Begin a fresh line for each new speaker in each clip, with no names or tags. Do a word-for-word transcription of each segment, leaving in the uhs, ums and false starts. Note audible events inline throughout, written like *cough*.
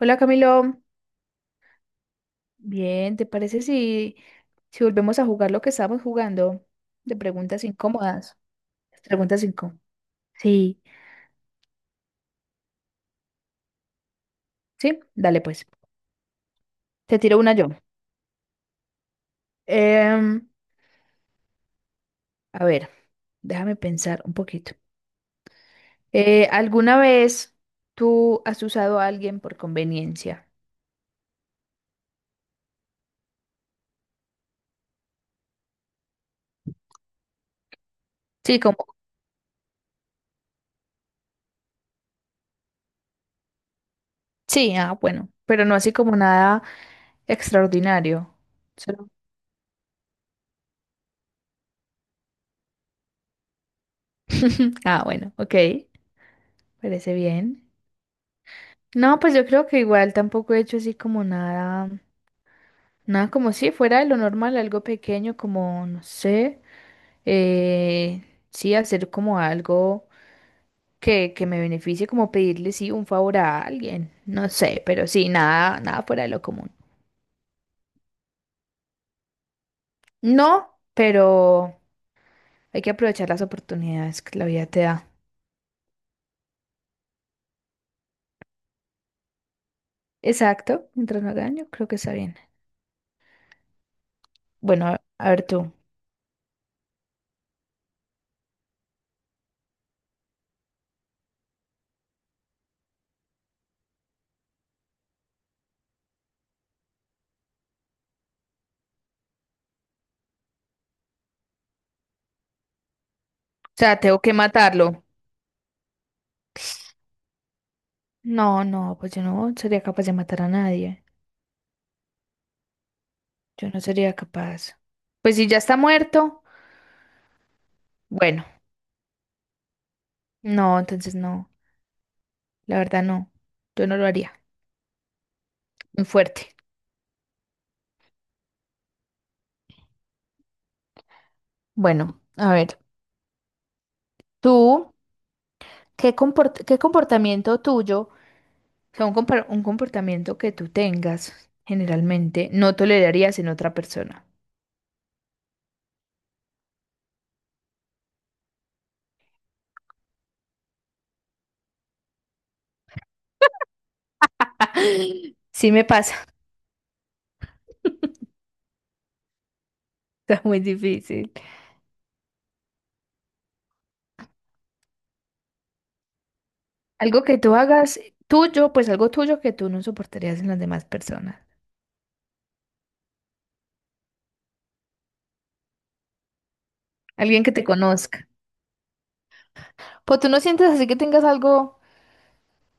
Hola Camilo, bien, ¿te parece si, si volvemos a jugar lo que estábamos jugando de preguntas incómodas? Las preguntas incómodas. Sí, sí, dale pues. Te tiro una yo. Em, a ver, déjame pensar un poquito. Eh, ¿alguna vez tú has usado a alguien por conveniencia? Sí, como, sí, ah, bueno, pero no así como nada extraordinario. Solo- *laughs* Ah, bueno, ok, parece bien. No, pues yo creo que igual tampoco he hecho así como nada, nada como si fuera de lo normal, algo pequeño como, no sé, eh, sí, hacer como algo que, que me beneficie, como pedirle, sí, un favor a alguien, no sé, pero sí, nada, nada fuera de lo común. No, pero hay que aprovechar las oportunidades que la vida te da. Exacto, mientras no haga daño, creo que está bien. Bueno, a a ver tú. O sea, tengo que matarlo. No, no, pues yo no sería capaz de matar a nadie. Yo no sería capaz. Pues si ya está muerto, bueno, no, entonces no, la verdad no, yo no lo haría. Muy fuerte. Bueno, a ver, tú, ¿qué comport- ¿qué comportamiento tuyo? O sea, un, compor- un comportamiento que tú tengas, generalmente, no tolerarías en otra persona. *laughs* Sí me pasa, *laughs* está muy difícil. Algo que tú hagas tuyo, pues algo tuyo que tú no soportarías en las demás personas. Alguien que te conozca. Pues tú no sientes así que tengas algo,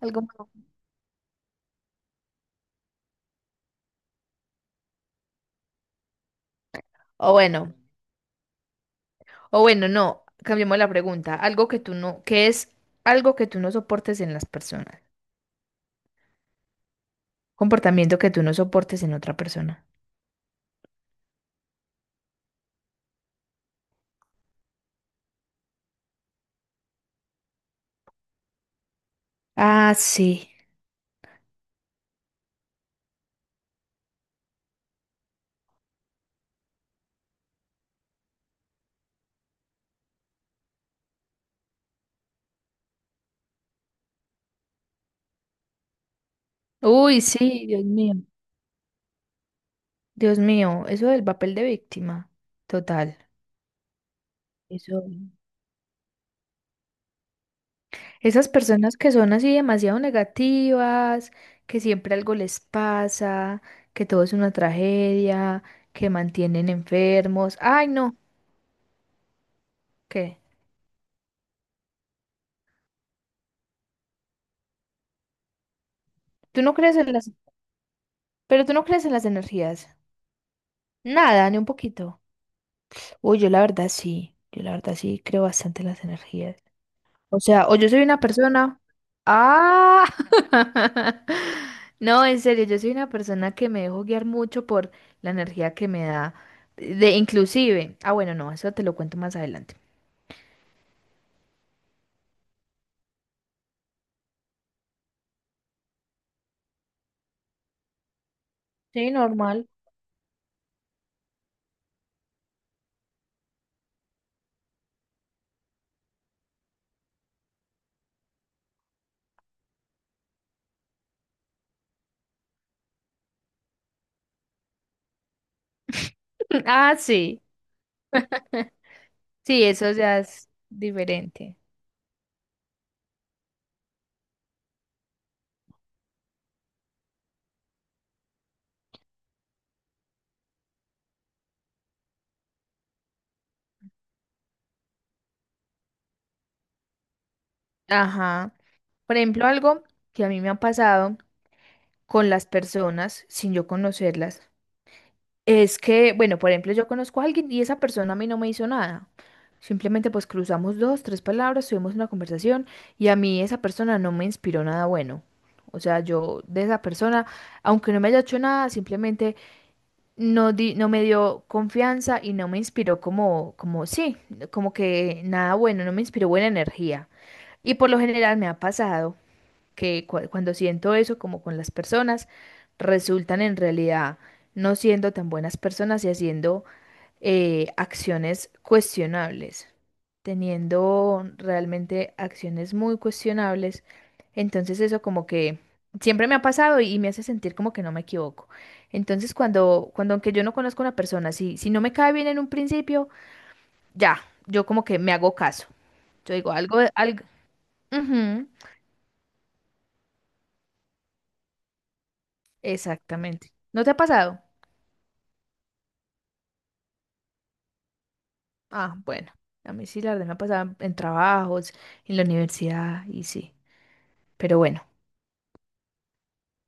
algo. O bueno, o bueno, no, cambiemos la pregunta. Algo que tú no, ¿qué es algo que tú no soportes en las personas? Comportamiento que tú no soportes en otra persona. Ah, sí. Uy, sí, Dios mío. Dios mío, eso del papel de víctima. Total. Eso. Esas personas que son así demasiado negativas, que siempre algo les pasa, que todo es una tragedia, que mantienen enfermos. Ay, no, ¿qué? ¿Tú no crees en las, pero tú no crees en las energías? Nada, ni un poquito. Uy, yo la verdad sí, yo la verdad sí creo bastante en las energías. O sea, o yo soy una persona... Ah, *laughs* no, en serio, yo soy una persona que me dejo guiar mucho por la energía que me da. De inclusive, ah, bueno, no, eso te lo cuento más adelante. Sí, normal. *laughs* Ah, sí, sí, eso ya es diferente. Ajá. Por ejemplo, algo que a mí me ha pasado con las personas sin yo conocerlas. Es que, bueno, por ejemplo, yo conozco a alguien y esa persona a mí no me hizo nada. Simplemente pues cruzamos dos, tres palabras, tuvimos una conversación y a mí esa persona no me inspiró nada bueno. O sea, yo de esa persona, aunque no me haya hecho nada, simplemente no di- no me dio confianza y no me inspiró como, como sí, como que nada bueno, no me inspiró buena energía. Y por lo general me ha pasado que cu- cuando siento eso como con las personas, resultan en realidad no siendo tan buenas personas y haciendo eh, acciones cuestionables, teniendo realmente acciones muy cuestionables. Entonces eso como que siempre me ha pasado y, me hace sentir como que no me equivoco. Entonces cuando, cuando aunque yo no conozco a una persona, si, si no me cae bien en un principio, ya, yo como que me hago caso. Yo digo algo, algo. Ujú, exactamente. ¿No te ha pasado? Ah, bueno, a mí sí, la verdad me ha pasado en trabajos, en la universidad y sí. Pero bueno,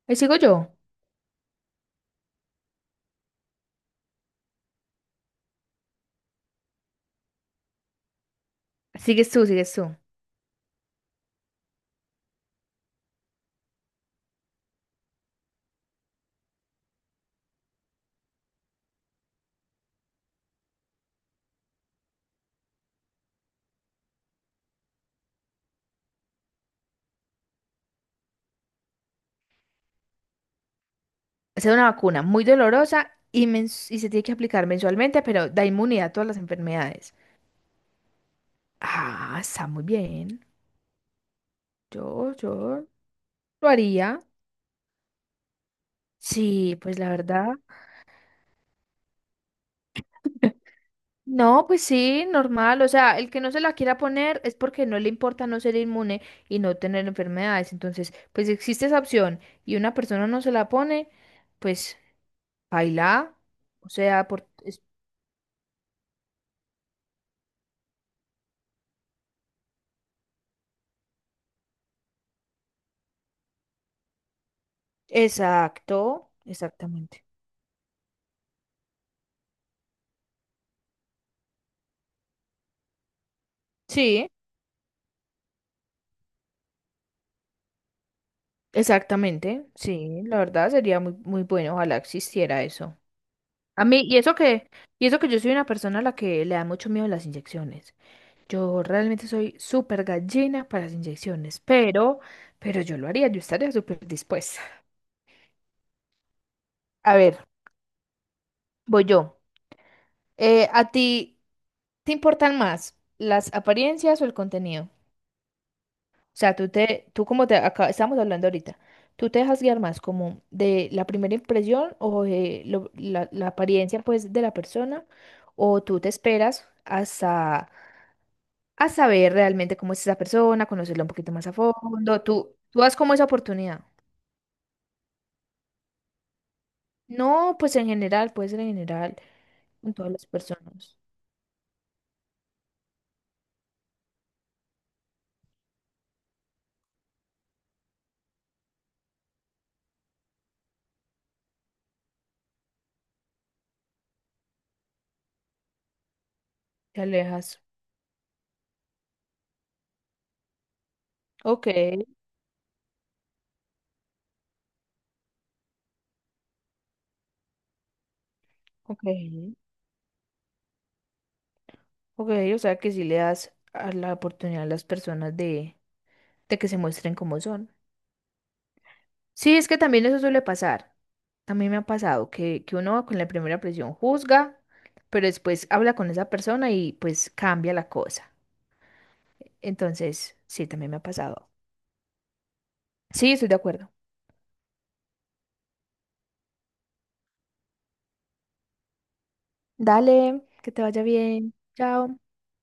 ahí sigo yo. Sigues tú, sigues tú. Es una vacuna muy dolorosa y, mens- y se tiene que aplicar mensualmente, pero da inmunidad a todas las enfermedades. Ah, está muy bien. Yo, yo lo haría. Sí, pues la verdad. No, pues sí, normal. O sea, el que no se la quiera poner es porque no le importa no ser inmune y no tener enfermedades. Entonces, pues existe esa opción y una persona no se la pone, pues baila. O sea, por... es- Exacto, exactamente. Sí, exactamente. Sí, la verdad sería muy, muy bueno. Ojalá existiera eso. A mí, y eso que, y eso que yo soy una persona a la que le da mucho miedo las inyecciones. Yo realmente soy súper gallina para las inyecciones, pero, pero yo lo haría, yo estaría súper dispuesta. A ver, voy yo. Eh, ¿a ti te importan más las apariencias o el contenido? O sea, tú te, tú como te acá, estamos hablando ahorita, ¿tú te dejas guiar más como de la primera impresión o de lo- la, la apariencia pues de la persona? ¿O tú te esperas hasta a saber realmente cómo es esa persona, conocerla un poquito más a fondo? ¿Tú, tú das como esa oportunidad? No, pues en general, puede ser en general, con todas las personas. Te alejas. Ok, ok, ok, o sea que sí le das a la oportunidad a las personas de, de que se muestren como son. Sí, es que también eso suele pasar. A mí me ha pasado que, que uno con la primera presión juzga, pero después habla con esa persona y pues cambia la cosa. Entonces, sí, también me ha pasado. Sí, estoy de acuerdo. Dale, que te vaya bien. Chao.